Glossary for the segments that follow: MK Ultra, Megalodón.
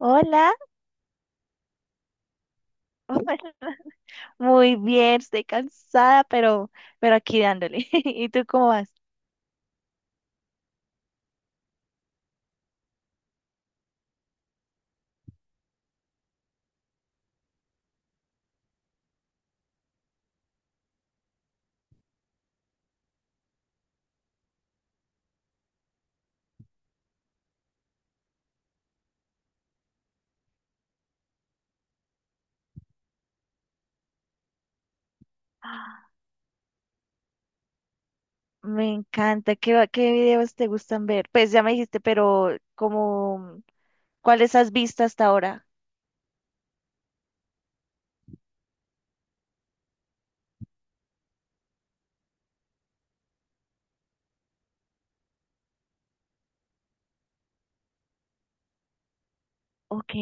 Hola, hola, muy bien, estoy cansada, pero aquí dándole. ¿Y tú cómo vas? Me encanta. ¿Qué videos te gustan ver? Pues ya me dijiste, pero como, ¿cuáles has visto hasta ahora? Ok,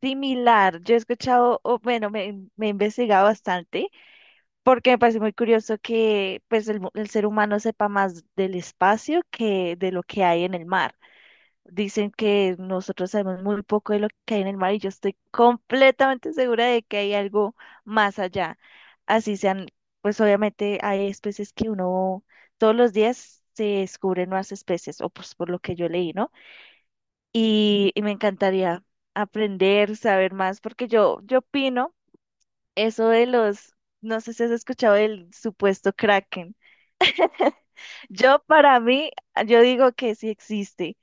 similar. Yo he escuchado, o bueno, me he investigado bastante porque me parece muy curioso que pues el ser humano sepa más del espacio que de lo que hay en el mar. Dicen que nosotros sabemos muy poco de lo que hay en el mar y yo estoy completamente segura de que hay algo más allá. Así sean, pues obviamente hay especies que uno todos los días se descubren nuevas especies, o pues por lo que yo leí, ¿no? Y me encantaría aprender, saber más, porque yo opino eso de los, no sé si has escuchado del supuesto Kraken. Yo para mí, yo digo que sí existe,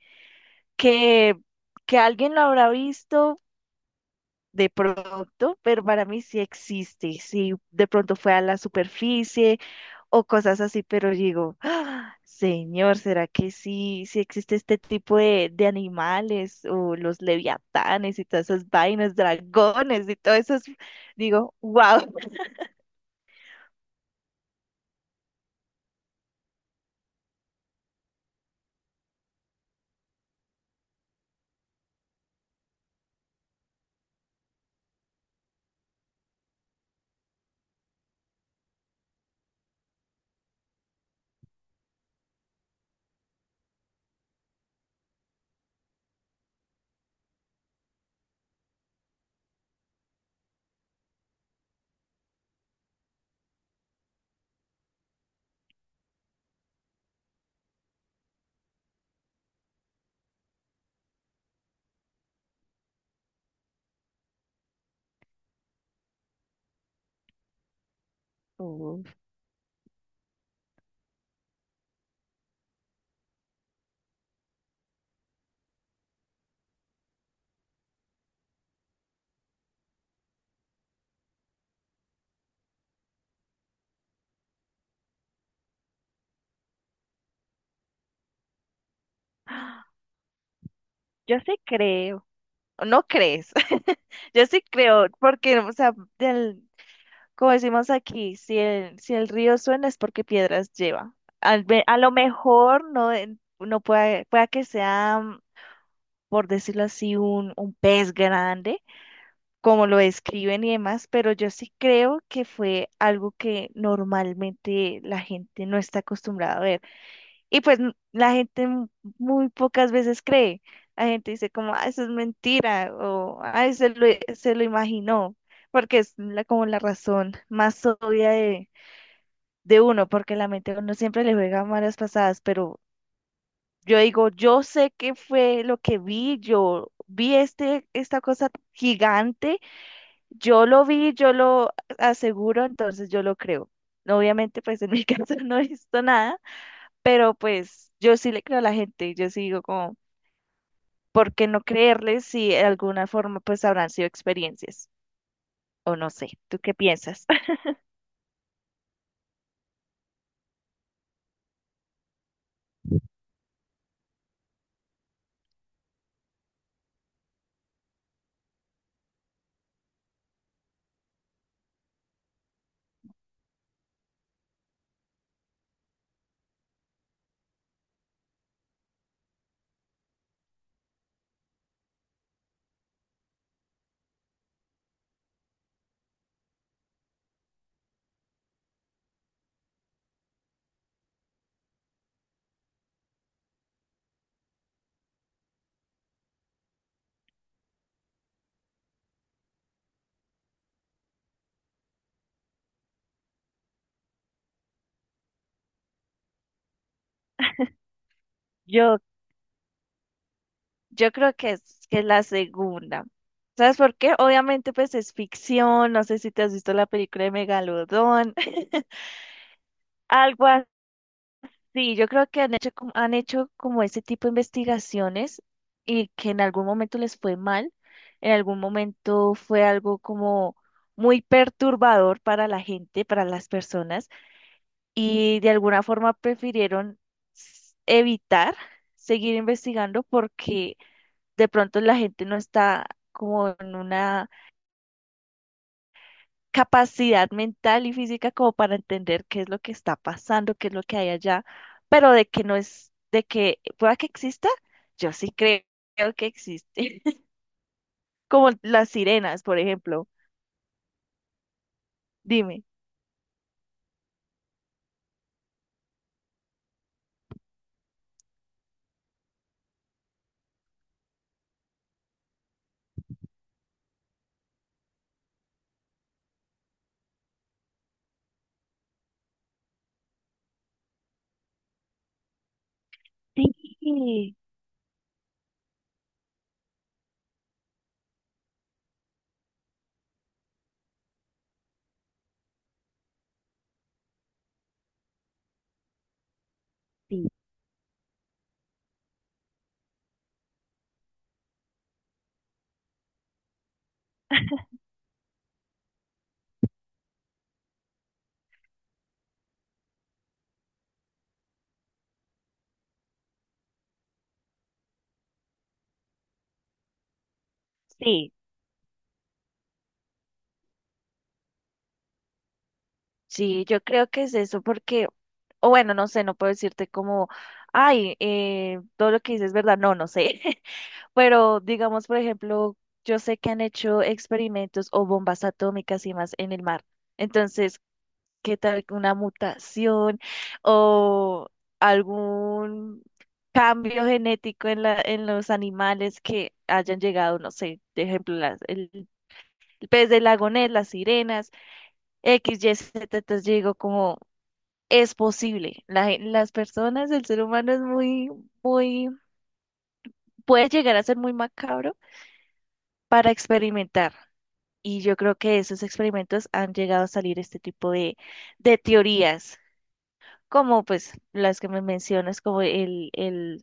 que que alguien lo habrá visto, de pronto, pero para mí sí existe. Sí, de pronto fue a la superficie o cosas así, pero digo, "Ah, señor, ¿será que sí existe este tipo de animales o los leviatanes y todas esas vainas, dragones y todo eso? Digo, wow." Yo sí creo. ¿O no crees? Yo sí creo, porque, o sea, del- Como decimos aquí, si el río suena es porque piedras lleva. A lo mejor no, no pueda que sea, por decirlo así, un pez grande, como lo describen y demás, pero yo sí creo que fue algo que normalmente la gente no está acostumbrada a ver. Y pues la gente muy pocas veces cree. La gente dice como, ah, eso es mentira, o ah, se lo imaginó, porque es la, como la razón más obvia de uno, porque la mente a uno siempre le juega malas pasadas, pero yo digo, yo sé qué fue lo que vi, yo vi esta cosa gigante, yo lo vi, yo lo aseguro, entonces yo lo creo. No, obviamente, pues en mi caso no he visto nada, pero pues yo sí le creo a la gente, yo sí digo como, ¿por qué no creerles si de alguna forma pues habrán sido experiencias? O no sé, ¿tú qué piensas? Yo Yo creo que es la segunda. ¿Sabes por qué? Obviamente, pues es ficción. No sé si te has visto la película de Megalodón. Algo así. Yo creo que han hecho, han hecho como ese tipo de investigaciones y que en algún momento les fue mal. En algún momento fue algo como muy perturbador para la gente, para las personas. Y de alguna forma prefirieron evitar seguir investigando porque de pronto la gente no está como en una capacidad mental y física como para entender qué es lo que está pasando, qué es lo que hay allá, pero de que no es, de que pueda que exista, yo sí creo que existe. Como las sirenas, por ejemplo. Dime. Sí, sí, sí. Sí, yo creo que es eso porque, o bueno, no sé, no puedo decirte como, ay, todo lo que dices es verdad, no, no sé. Pero digamos, por ejemplo, yo sé que han hecho experimentos o bombas atómicas y más en el mar. Entonces, ¿qué tal que una mutación o algún cambio genético en los animales que hayan llegado, no sé, de ejemplo, el pez del lagonés, las sirenas, X, Y, Z, entonces yo digo como es posible. Las personas, el ser humano muy, puede llegar a ser muy macabro para experimentar. Y yo creo que de esos experimentos han llegado a salir este tipo de teorías, como pues las que me mencionas, como el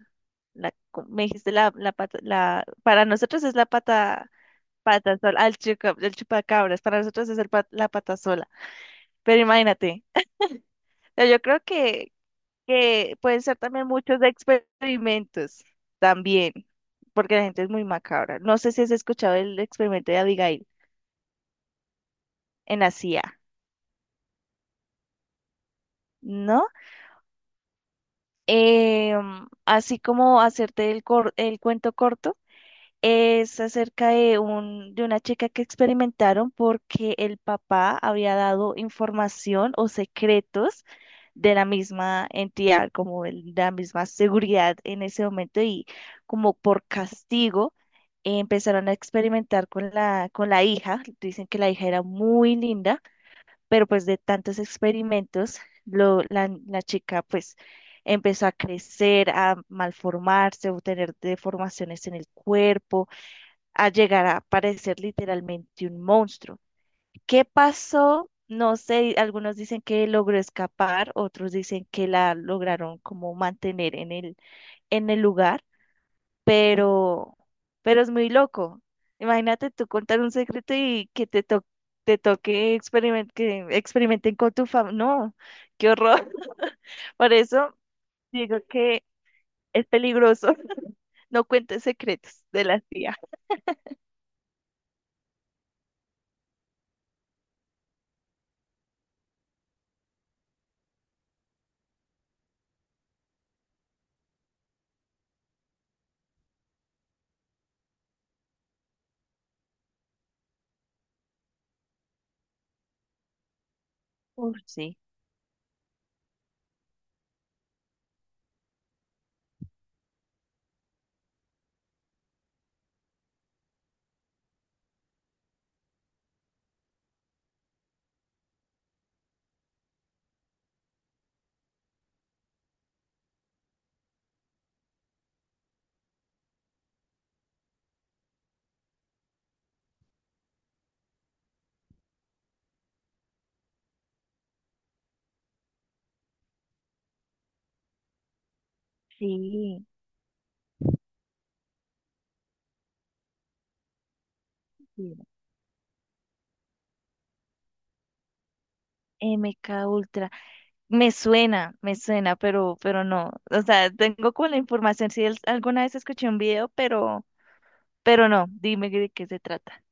me dijiste la pata, para nosotros es la pata, pata sola, ah, el chupacabras, para nosotros es la pata sola, pero imagínate, o sea, yo creo que pueden ser también muchos experimentos, también, porque la gente es muy macabra. No sé si has escuchado el experimento de Abigail en la CIA, ¿no? Así como hacerte el cuento corto, es acerca de una chica que experimentaron porque el papá había dado información o secretos de la misma entidad, como de la misma seguridad en ese momento y como por castigo. Empezaron a experimentar con la hija. Dicen que la hija era muy linda pero pues de tantos experimentos, la chica pues empezó a crecer, a malformarse, a obtener deformaciones en el cuerpo, a llegar a parecer literalmente un monstruo. ¿Qué pasó? No sé, algunos dicen que logró escapar, otros dicen que la lograron como mantener en el lugar, pero, pero es muy loco. Imagínate tú contar un secreto y que te toque que experimenten con tu fam. No, qué horror. Por eso digo que es peligroso. No cuentes secretos de la tía. Uf, sí, sí. Sí. MK Ultra. Me suena, pero no. O sea, tengo como la información. Si alguna vez escuché un video, pero no. Dime de qué se trata.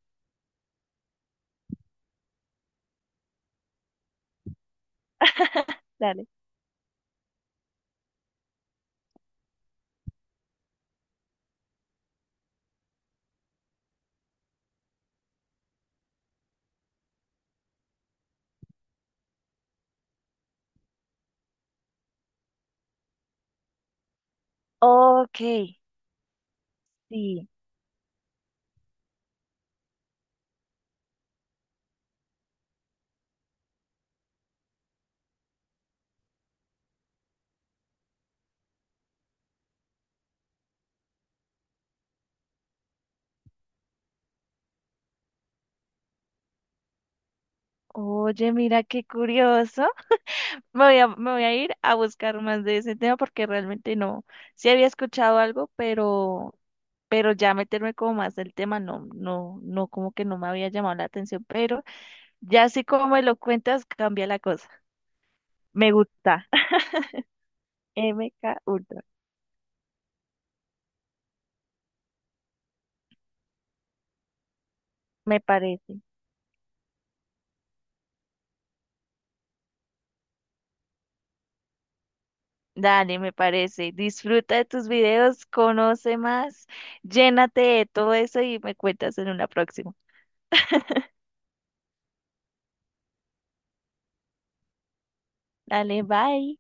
Dale. Ok. Sí. Oye, mira qué curioso. Me voy a ir a buscar más de ese tema porque realmente no. Sí había escuchado algo, pero ya meterme como más del tema, no, no, no, como que no me había llamado la atención. Pero ya así como me lo cuentas, cambia la cosa. Me gusta. MK Ultra. Me parece. Dale, me parece. Disfruta de tus videos, conoce más, llénate de todo eso y me cuentas en una próxima. Dale, bye.